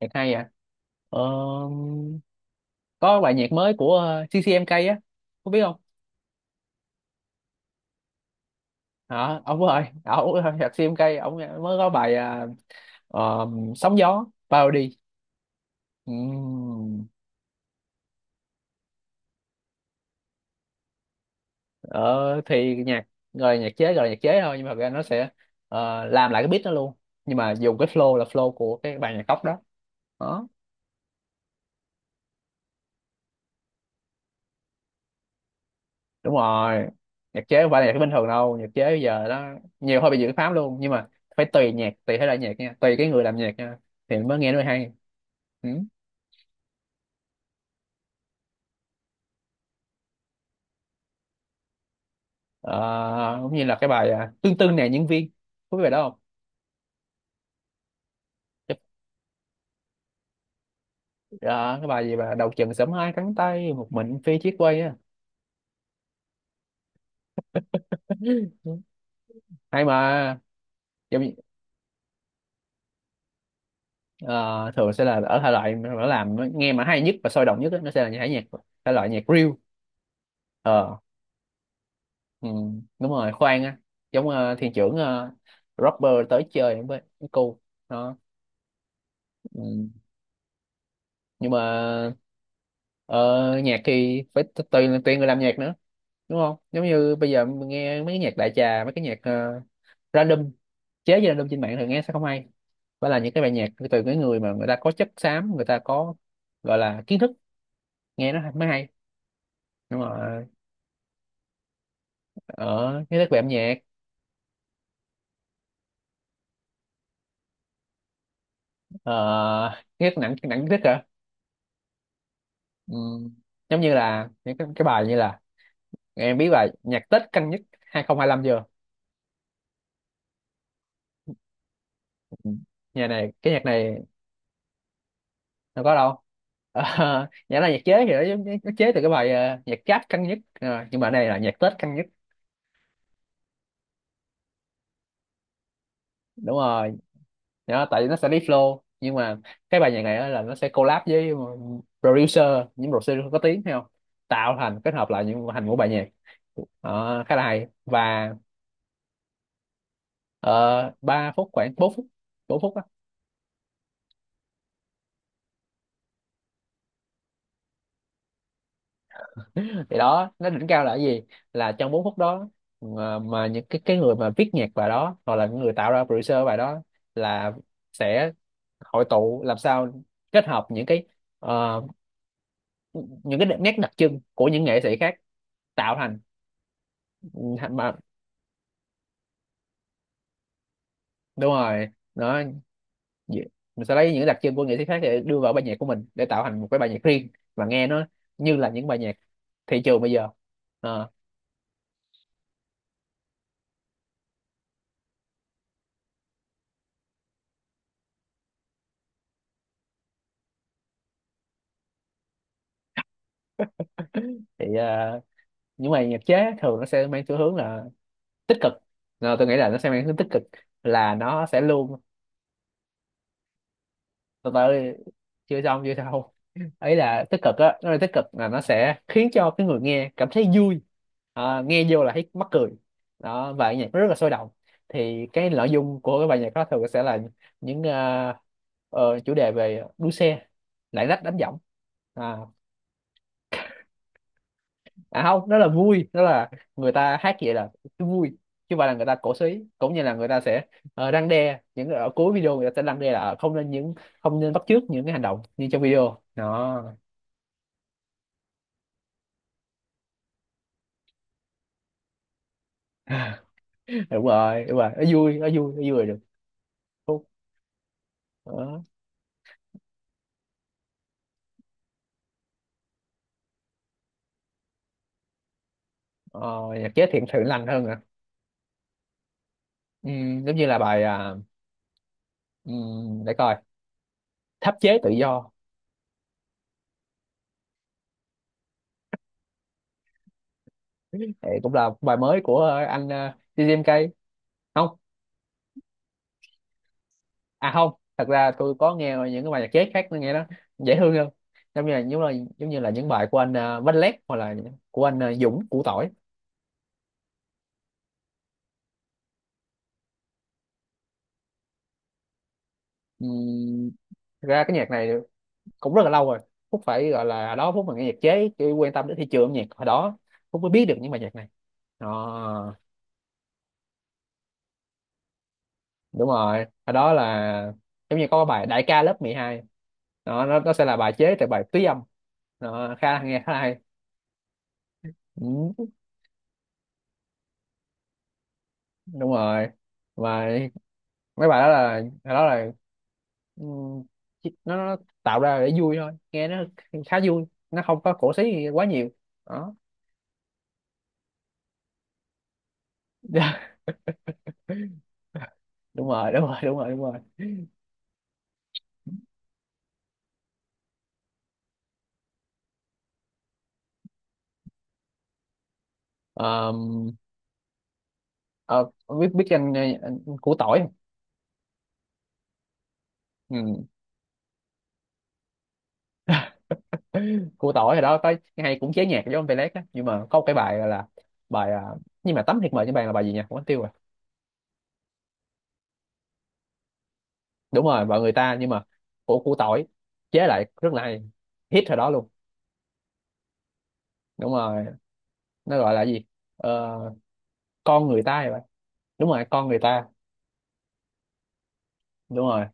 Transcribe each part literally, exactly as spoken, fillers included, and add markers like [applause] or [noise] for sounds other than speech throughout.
Nhạc hay à? ờ, có bài nhạc mới của ờ, xê xê em ca á, có biết không? Hả ông ơi ông, nhạc xê xê em ca ông mới có bài à? ờ, Sóng gió parody. Ừm, ờ, thì nhạc, rồi nhạc chế rồi, nhạc chế thôi, nhưng mà thật ra nó sẽ, ờ, làm lại cái beat đó luôn, nhưng mà dùng cái flow là flow của cái bài nhạc gốc đó. Đúng rồi, nhạc chế không phải là nhạc bình thường đâu, nhạc chế bây giờ nó nhiều hơi bị dự pháp luôn, nhưng mà phải tùy nhạc, tùy thể loại nhạc nha, tùy cái người làm nhạc nha thì mới nghe nó mới hay. Ừ. Ờ, cũng như là cái bài à, tương tư nè nhân viên, có biết bài đó không? Ờ, cái bài gì mà đầu chừng sớm hai cánh tay một mình phi chiếc quay á. [laughs] Hay mà. Giống như, ờ, thường sẽ là ở thể loại mà nó làm nó nghe mà hay nhất và sôi động nhất á, nó sẽ là những thể nhạc, thể loại nhạc reel. Ừ, đúng rồi, khoan á. Giống ờ, thiên trưởng ờ, rapper tới chơi với với cô đó. Ừ. Nhưng mà ờ, nhạc thì phải t- tùy, tùy người làm nhạc nữa, đúng không? Giống như bây giờ mình nghe mấy cái nhạc đại trà, mấy cái nhạc ờ, random, chế với random trên mạng thì nghe sẽ không hay. Phải là những cái bài nhạc từ cái người mà người ta có chất xám, người ta có, gọi là, kiến thức, nghe nó mới hay. Nhưng mà ở cái đất về âm nhạc, uh, nghe nặng nặng nhất hả? Ừ. Giống như là những cái, cái bài như là, em biết bài nhạc Tết căng nhất hai không hai lăm chưa? Ừ. Nhà này cái nhạc này đâu có đâu. Ờ, [laughs] nhạc là nhạc chế thì nó, giống- nó chế từ cái bài ờ, nhạc Giáp căng nhất. Ờ, nhưng mà đây là nhạc Tết căng nhất. Đúng rồi. Đó, tại vì nó sẽ đi flow, nhưng mà cái bài nhạc này á là nó sẽ collab với ờ, producer, những producer có tiếng hay không, tạo thành, kết hợp lại những thành một bài nhạc. Ờ, khá là hay. Và uh, ba phút, khoảng bốn phút, bốn phút. Thì đó, nó đỉnh cao là cái gì, là trong bốn phút đó mà, mà những cái cái người mà viết nhạc bài đó hoặc là những người tạo ra producer bài đó là sẽ hội tụ làm sao kết hợp những cái, ờ, những cái nét đặc trưng của những nghệ sĩ khác, tạo thành, thành mà. Đúng rồi, nó, mình sẽ lấy những đặc trưng của nghệ sĩ khác để đưa vào bài nhạc của mình để tạo thành một cái bài nhạc riêng và nghe nó như là những bài nhạc thị trường bây giờ. Ờ, thì ờ, những bài nhạc chế thường nó sẽ mang xu hướng là tích cực. Ờ, tôi nghĩ là nó sẽ mang tính tích cực, là nó sẽ luôn, từ từ, chưa xong chưa xong, ấy là tích cực á, nó là tích cực là nó sẽ khiến cho cái người nghe cảm thấy vui. Ờ, nghe vô là thấy mắc cười đó, và nhạc nó rất là sôi động. Thì cái nội dung của cái bài nhạc đó thường sẽ là những ờ, ờ, chủ đề về đua xe, lạng lách đánh võng. À, à không, nó là vui, nó là người ta hát vậy là cái vui chứ không phải là người ta cổ súy. Cũng như là người ta sẽ, ờ, răn đe, những ở cuối video người ta sẽ răn đe là ờ, không nên những, không nên bắt chước những cái hành động như trong video đó. [laughs] Đúng rồi đúng rồi, nó vui, nó vui, nó vui là được. Phúc. Đó. Ờ, nhạc chế thiện thượng lành hơn à? Ừ, giống như là bài à, ừ, để coi, tháp chế tự do. Thì cũng là bài mới của ờ, anh uh, đê gi em ca. Không. À không, thật ra tôi có nghe những cái bài nhạc jazz khác nó nghe nó dễ thương hơn. Giống như là, giống như là, giống như là những bài của anh uh, Văn Lét, hoặc là của anh ờ, Dũng Củ Tỏi. Ừm, thật ra cái nhạc này cũng rất là lâu rồi. Phúc phải gọi là, đó Phúc mà nghe nhạc chế chứ quan tâm đến thị trường âm nhạc hồi đó Phúc mới biết được những bài nhạc này đó. Đúng rồi, hồi đó là giống như có cái bài Đại ca lớp mười hai đó, nó, nó sẽ là bài chế tại bài túy âm đó, khá là nghe khá là hay. Ừ, đúng rồi. Và mấy bài đó là, bài đó là ừm, chỉ- nó, nó tạo ra để vui thôi, nghe nó khá vui, nó không có cổ xí gì quá nhiều đó. [laughs] đúng rồi đúng rồi đúng rồi đúng rồi. Ờm, ờ, ông biết, biết anh, anh củ tỏi không? Ừ. [laughs] Củ tỏi hồi đó có hay cũng chế nhạc giống ông Pelé đó, nhưng mà có một cái bài gọi là bài à, nhưng mà tấm thiệt mời trên bàn là bài gì nhỉ, quên tiêu rồi. Đúng rồi, bài người ta nhưng mà của củ tỏi chế lại rất là hay, hit hồi đó luôn. Đúng rồi, nó gọi là gì, ờ, con người ta vậy, đúng rồi, con người ta. Đúng rồi.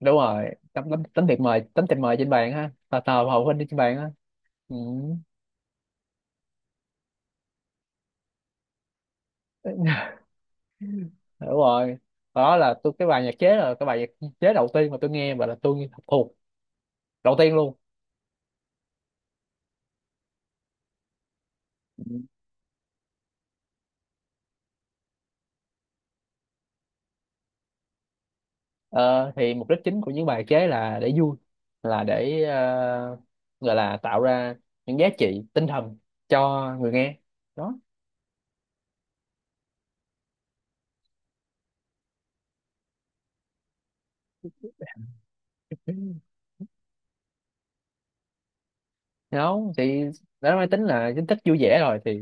Đúng rồi, tấm tấm tấm thiệp mời tấm thiệp mời trên bàn ha, tờ tờ hậu huynh trên bàn ha. Ừ. [laughs] Đúng rồi, đó là tôi cái bài nhạc chế, là cái bài nhạc chế đầu tiên mà tôi nghe và là tôi học thuộc đầu tiên luôn. Ừ. Ờ, thì mục đích chính của những bài chế là để vui, là để ờ, gọi là tạo ra những giá trị tinh thần cho người nghe đó. Thì không thì đã nói tính là tính thích vui vẻ rồi. Thì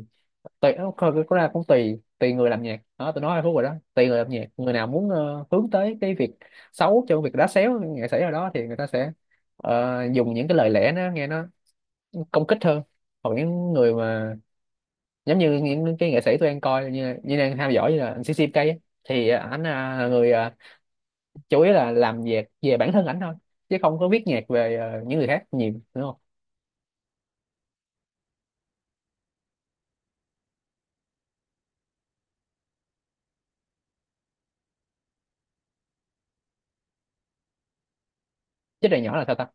tùy nó coi cái- cái ra, cũng tùy, tùy người làm nhạc đó, tôi nói hai phút rồi đó. Tùy người làm nhạc, người nào muốn ờ, hướng tới cái việc xấu, cho việc đá xéo nghệ sĩ nào đó, thì người ta sẽ ờ, dùng những cái lời lẽ nó nghe nó công kích hơn. Hoặc những người mà giống như những cái nghệ sĩ tôi đang coi như, như đang theo dõi như là anh xê xê ca ấy, thì anh à, là người à, chủ yếu là làm việc về bản thân ảnh thôi, chứ không có viết nhạc về ờ, những người khác nhiều, đúng không? Chứ này nhỏ là sao ta?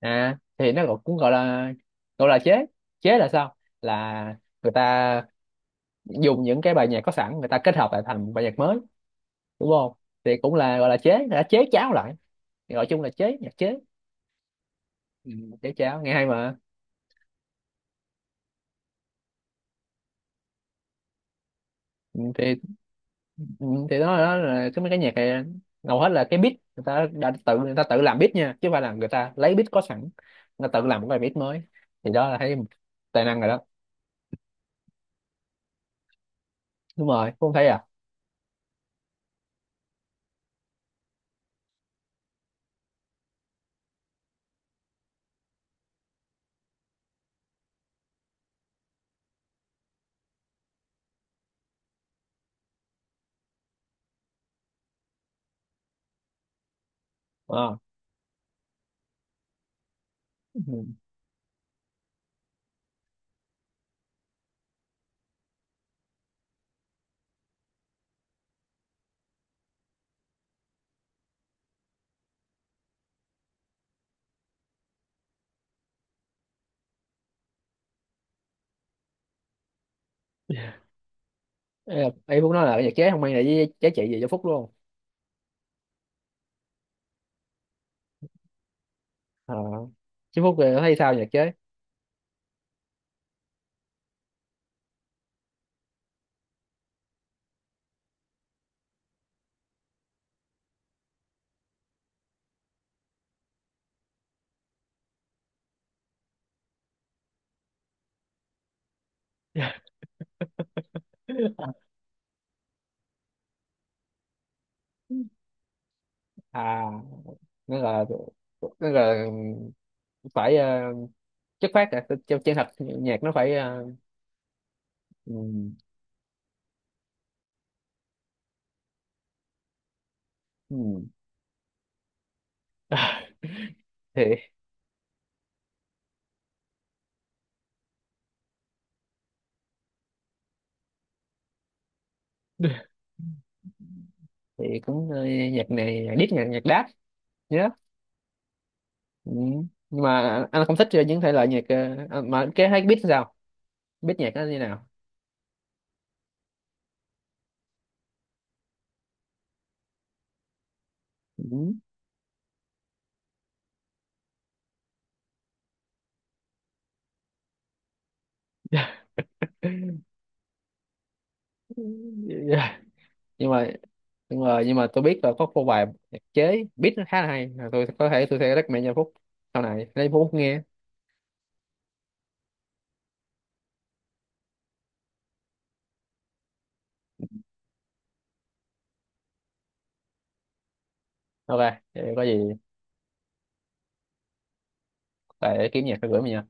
À, thì nó cũng, gọi là, gọi là chế. Chế là sao, là người ta dùng những cái bài nhạc có sẵn, người ta kết hợp lại thành một bài nhạc mới, đúng không? Thì cũng là gọi là chế, người ta chế cháo lại, thì gọi chung là chế, nhạc chế. Ừ, chế cháo nghe hay mà. Ừ, thì ừ, thì đó, đó là cái mấy cái nhạc này hầu hết là cái beat người ta đã tự, người ta tự làm beat nha, chứ không phải là người ta lấy beat có sẵn, người ta tự làm một bài beat mới, thì đó là thấy tài năng rồi đó. Đúng rồi, cũng thấy à. Ờ. Ừ. Ý là, ý Phúc nói là nhạc chế không mang lại với giá trị gì cho Phúc luôn à? Chứ Phúc thì thấy sao nhạc chế? [laughs] À, nó là, nó là phải ờ, chất phát à, chân, chân thật, nhạc nó phải ờ, ừ, ừ. [laughs] thì thì cũng ờ, nhạc này nhạc diss, nhạc, nhạc đáp, nhớ. Ừ. Nhưng mà anh không thích những thể loại nhạc ờ, à, mà cái hay biết sao, biết nhạc nó như nào. Ừ. [laughs] Nhưng mà, đúng rồi, nhưng mà tôi biết là có một bài nhạc chế beat nó khá là hay, là tôi có thể tôi sẽ recommend cho Phúc sau này, lấy Phúc nghe. OK. Vậy có gì phải kiếm nhạc rồi gửi mình nha.